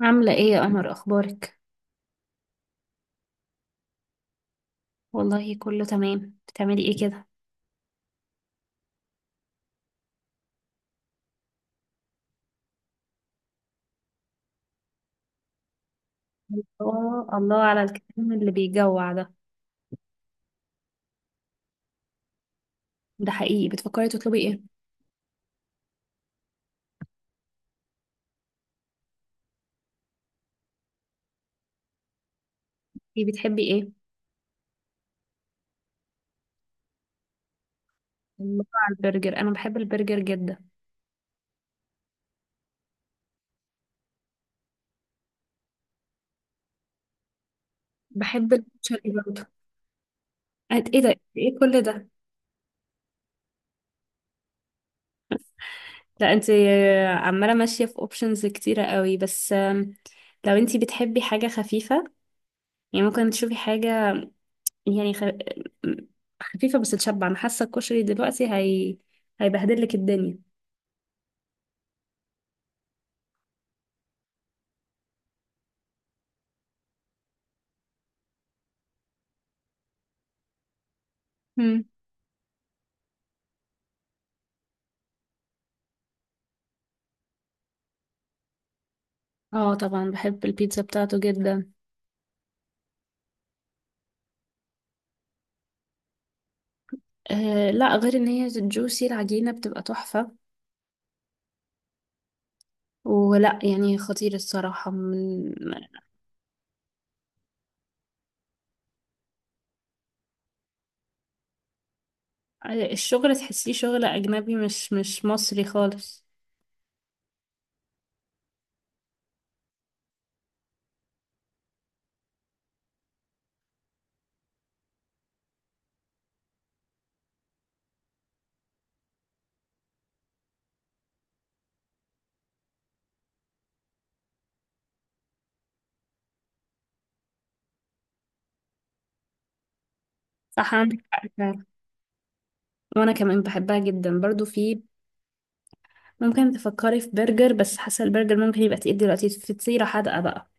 عاملة ايه يا قمر؟ اخبارك؟ والله كله تمام. بتعملي ايه كده؟ الله الله على الكلام اللي بيجوع ده. ده حقيقي بتفكري تطلبي ايه؟ ايه بتحبي؟ ايه الله على البرجر، انا بحب البرجر جدا. بحب الكشري برضه. ايه ده؟ ايه كل ده؟ لا انت عمالة ماشية في اوبشنز كتيرة قوي، بس لو انت بتحبي حاجة خفيفة، يعني ممكن تشوفي حاجة يعني خفيفة بس تشبع. انا حاسة الكشري دلوقتي هي هيبهدلك الدنيا. مم. اه طبعا بحب البيتزا بتاعته جدا. آه، لا غير ان هي جوسي، العجينة بتبقى تحفة. ولا يعني خطير الصراحة من الشغل، تحسيه شغل أجنبي، مش مصري خالص. صح عندك حق فعلا. وأنا كمان بحبها جدا برضو. في ممكن تفكري في برجر، بس حاسة البرجر ممكن يبقى تقيل دلوقتي. في فطيرة حادقة بقى؟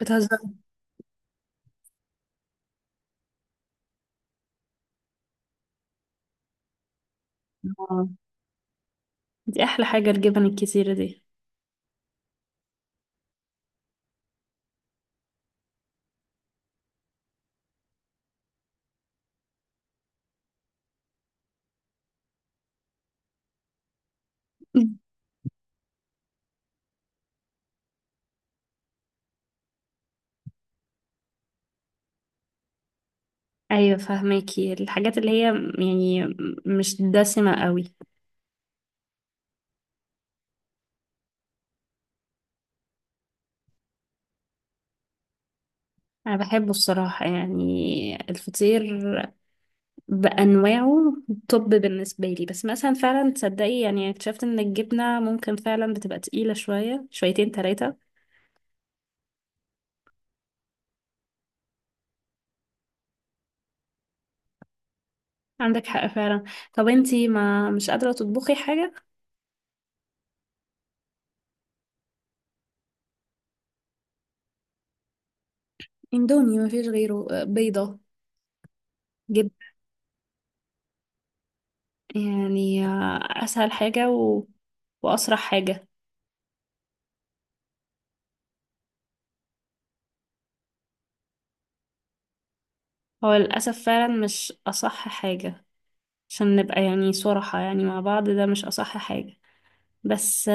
بتهزري؟ آه، دي أحلى حاجة، الجبن الكتيرة دي. أيوة فهماكي، الحاجات اللي هي يعني مش دسمة قوي. انا بحبه الصراحة يعني، الفطير بانواعه توب بالنسبة لي، بس مثلا فعلا تصدقي يعني اكتشفت ان الجبنة ممكن فعلا بتبقى تقيلة شوية، شويتين، ثلاثة. عندك حق فعلا. طب انتي ما مش قادرة تطبخي حاجة؟ اندومي، ما فيش غيره. بيضة، جبن، يعني اسهل حاجة واسرع حاجة. هو للاسف فعلا مش اصح حاجة. عشان نبقى يعني صراحة يعني مع بعض ده مش اصح حاجة، بس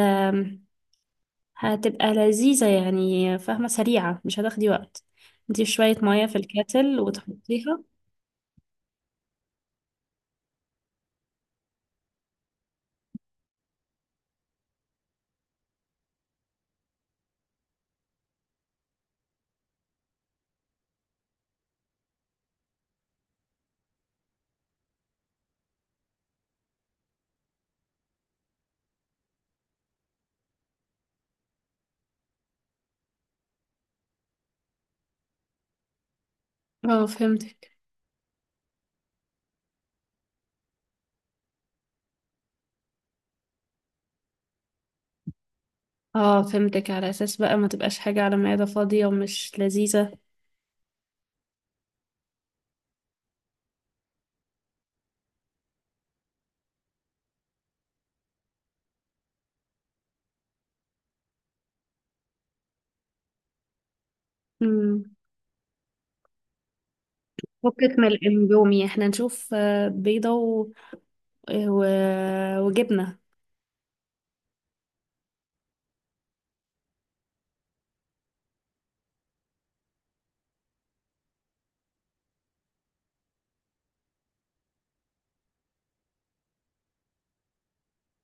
هتبقى لذيذة يعني فاهمة، سريعة مش هتاخدي وقت. انتي شوية مية في الكاتل وتحطيها. اه فهمتك. اه فهمتك، على اساس بقى ما تبقاش حاجة على معدة فاضية ومش لذيذة. امم فكك من الاندومي، احنا نشوف بيضة و... وجبنة.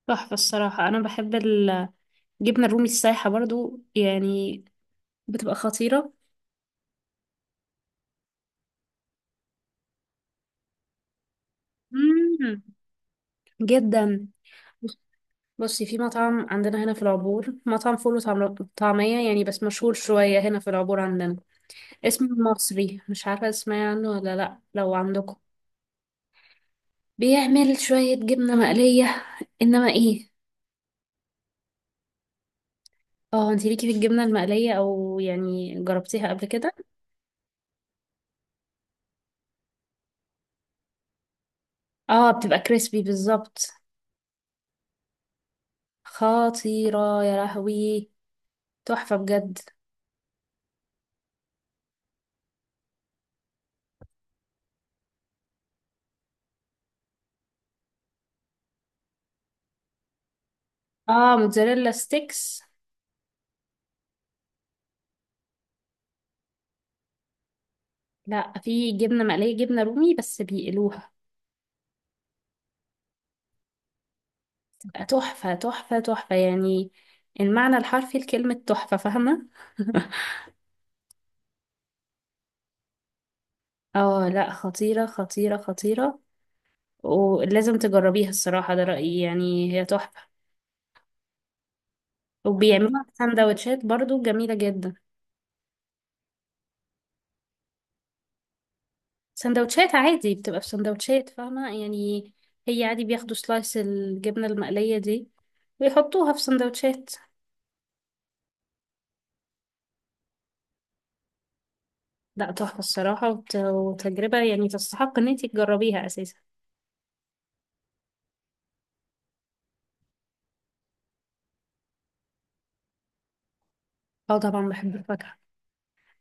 تحفة الصراحة، انا بحب الجبنة الرومي السايحة برضو يعني، بتبقى خطيرة. مم. جدا. بصي، في مطعم عندنا هنا في العبور، مطعم فول وطعمية يعني، بس مشهور شوية هنا في العبور عندنا، اسمه المصري. مش عارفة تسمعي عنه ولا لأ، لو عندكم. بيعمل شوية جبنة مقلية إنما إيه. اه، انتي ليكي في الجبنة المقلية؟ أو يعني جربتيها قبل كده؟ اه بتبقى كريسبي بالظبط. خطيرة يا لهوي، تحفة بجد. اه موتزاريلا ستيكس. لأ، في جبنة مقلية، جبنة رومي بس بيقلوها. تحفة تحفة تحفة يعني، المعنى الحرفي لكلمة تحفة فاهمة. اه لا خطيرة خطيرة خطيرة، ولازم تجربيها الصراحة، ده رأيي يعني، هي تحفة. وبيعملوها في سندوتشات برضو جميلة جدا. سندوتشات عادي، بتبقى في سندوتشات فاهمة يعني، هي عادي بياخدوا سلايس الجبنة المقلية دي ويحطوها في سندوتشات. لا تحفة الصراحة، وتجربة يعني، تستحق ان انتي تجربيها اساسا. اه طبعا بحب الفاكهة.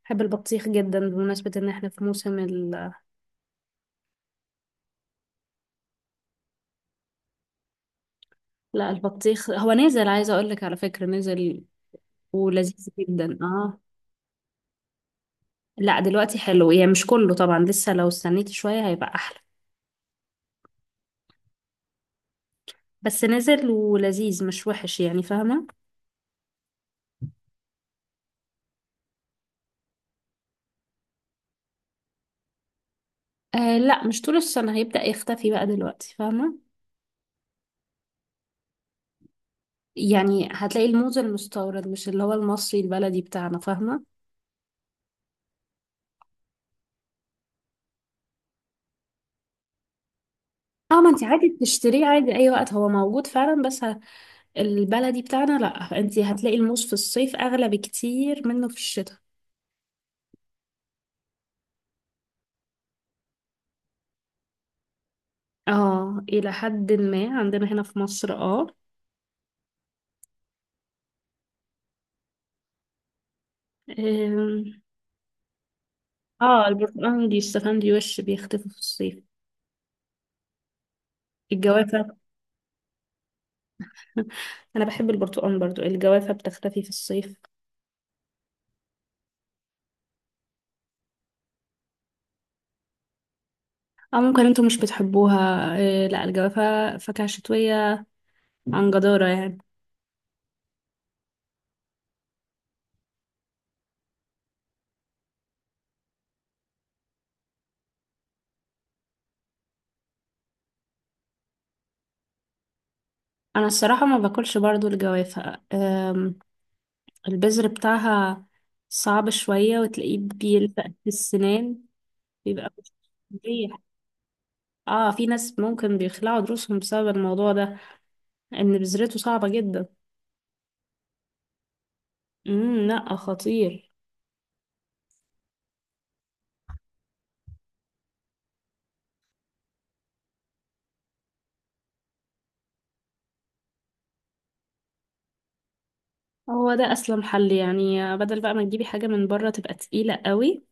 بحب البطيخ جدا، بمناسبة ان احنا في موسم لا البطيخ هو نزل، عايزة اقول لك على فكرة نزل ولذيذ جدا، اه. لا دلوقتي حلو، يعني مش كله طبعا، لسه لو استنيت شوية هيبقى احلى، بس نزل ولذيذ مش وحش يعني فاهمة. آه لا مش طول السنة، هيبدأ يختفي بقى دلوقتي فاهمة. يعني هتلاقي الموز المستورد مش اللي هو المصري البلدي بتاعنا فاهمة. اه ما انت عادي بتشتريه عادي اي وقت، هو موجود فعلا بس البلدي بتاعنا لا، انت هتلاقي الموز في الصيف اغلى بكتير منه في الشتاء. اه الى حد ما، عندنا هنا في مصر اه. أم، اه البرتقال دي، الشوفان دي وش بيختفي في الصيف. الجوافة. انا بحب البرتقال برضو. الجوافة بتختفي في الصيف اه، ممكن انتوا مش بتحبوها إيه. لا الجوافة فاكهة شتوية عن جدارة يعني. انا الصراحة ما باكلش برضو الجوافة. البذر بتاعها صعب شوية، وتلاقيه بيلفق في السنان، بيبقى مش مريح. اه في ناس ممكن بيخلعوا دروسهم بسبب الموضوع ده، ان بذرته صعبة جدا. لا خطير. هو ده اسلم حل يعني، بدل بقى ما تجيبي حاجة من بره تبقى تقيلة قوي.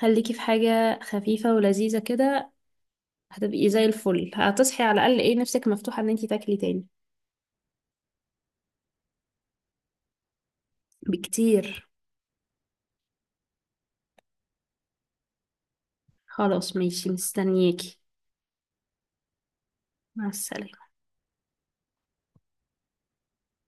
خليكي في حاجة خفيفة ولذيذة كده، هتبقي زي الفل، هتصحي على الأقل ايه، نفسك مفتوحة ان انتي تاكلي تاني. بكتير. خلاص ماشي، مستنياكي. مع السلامة.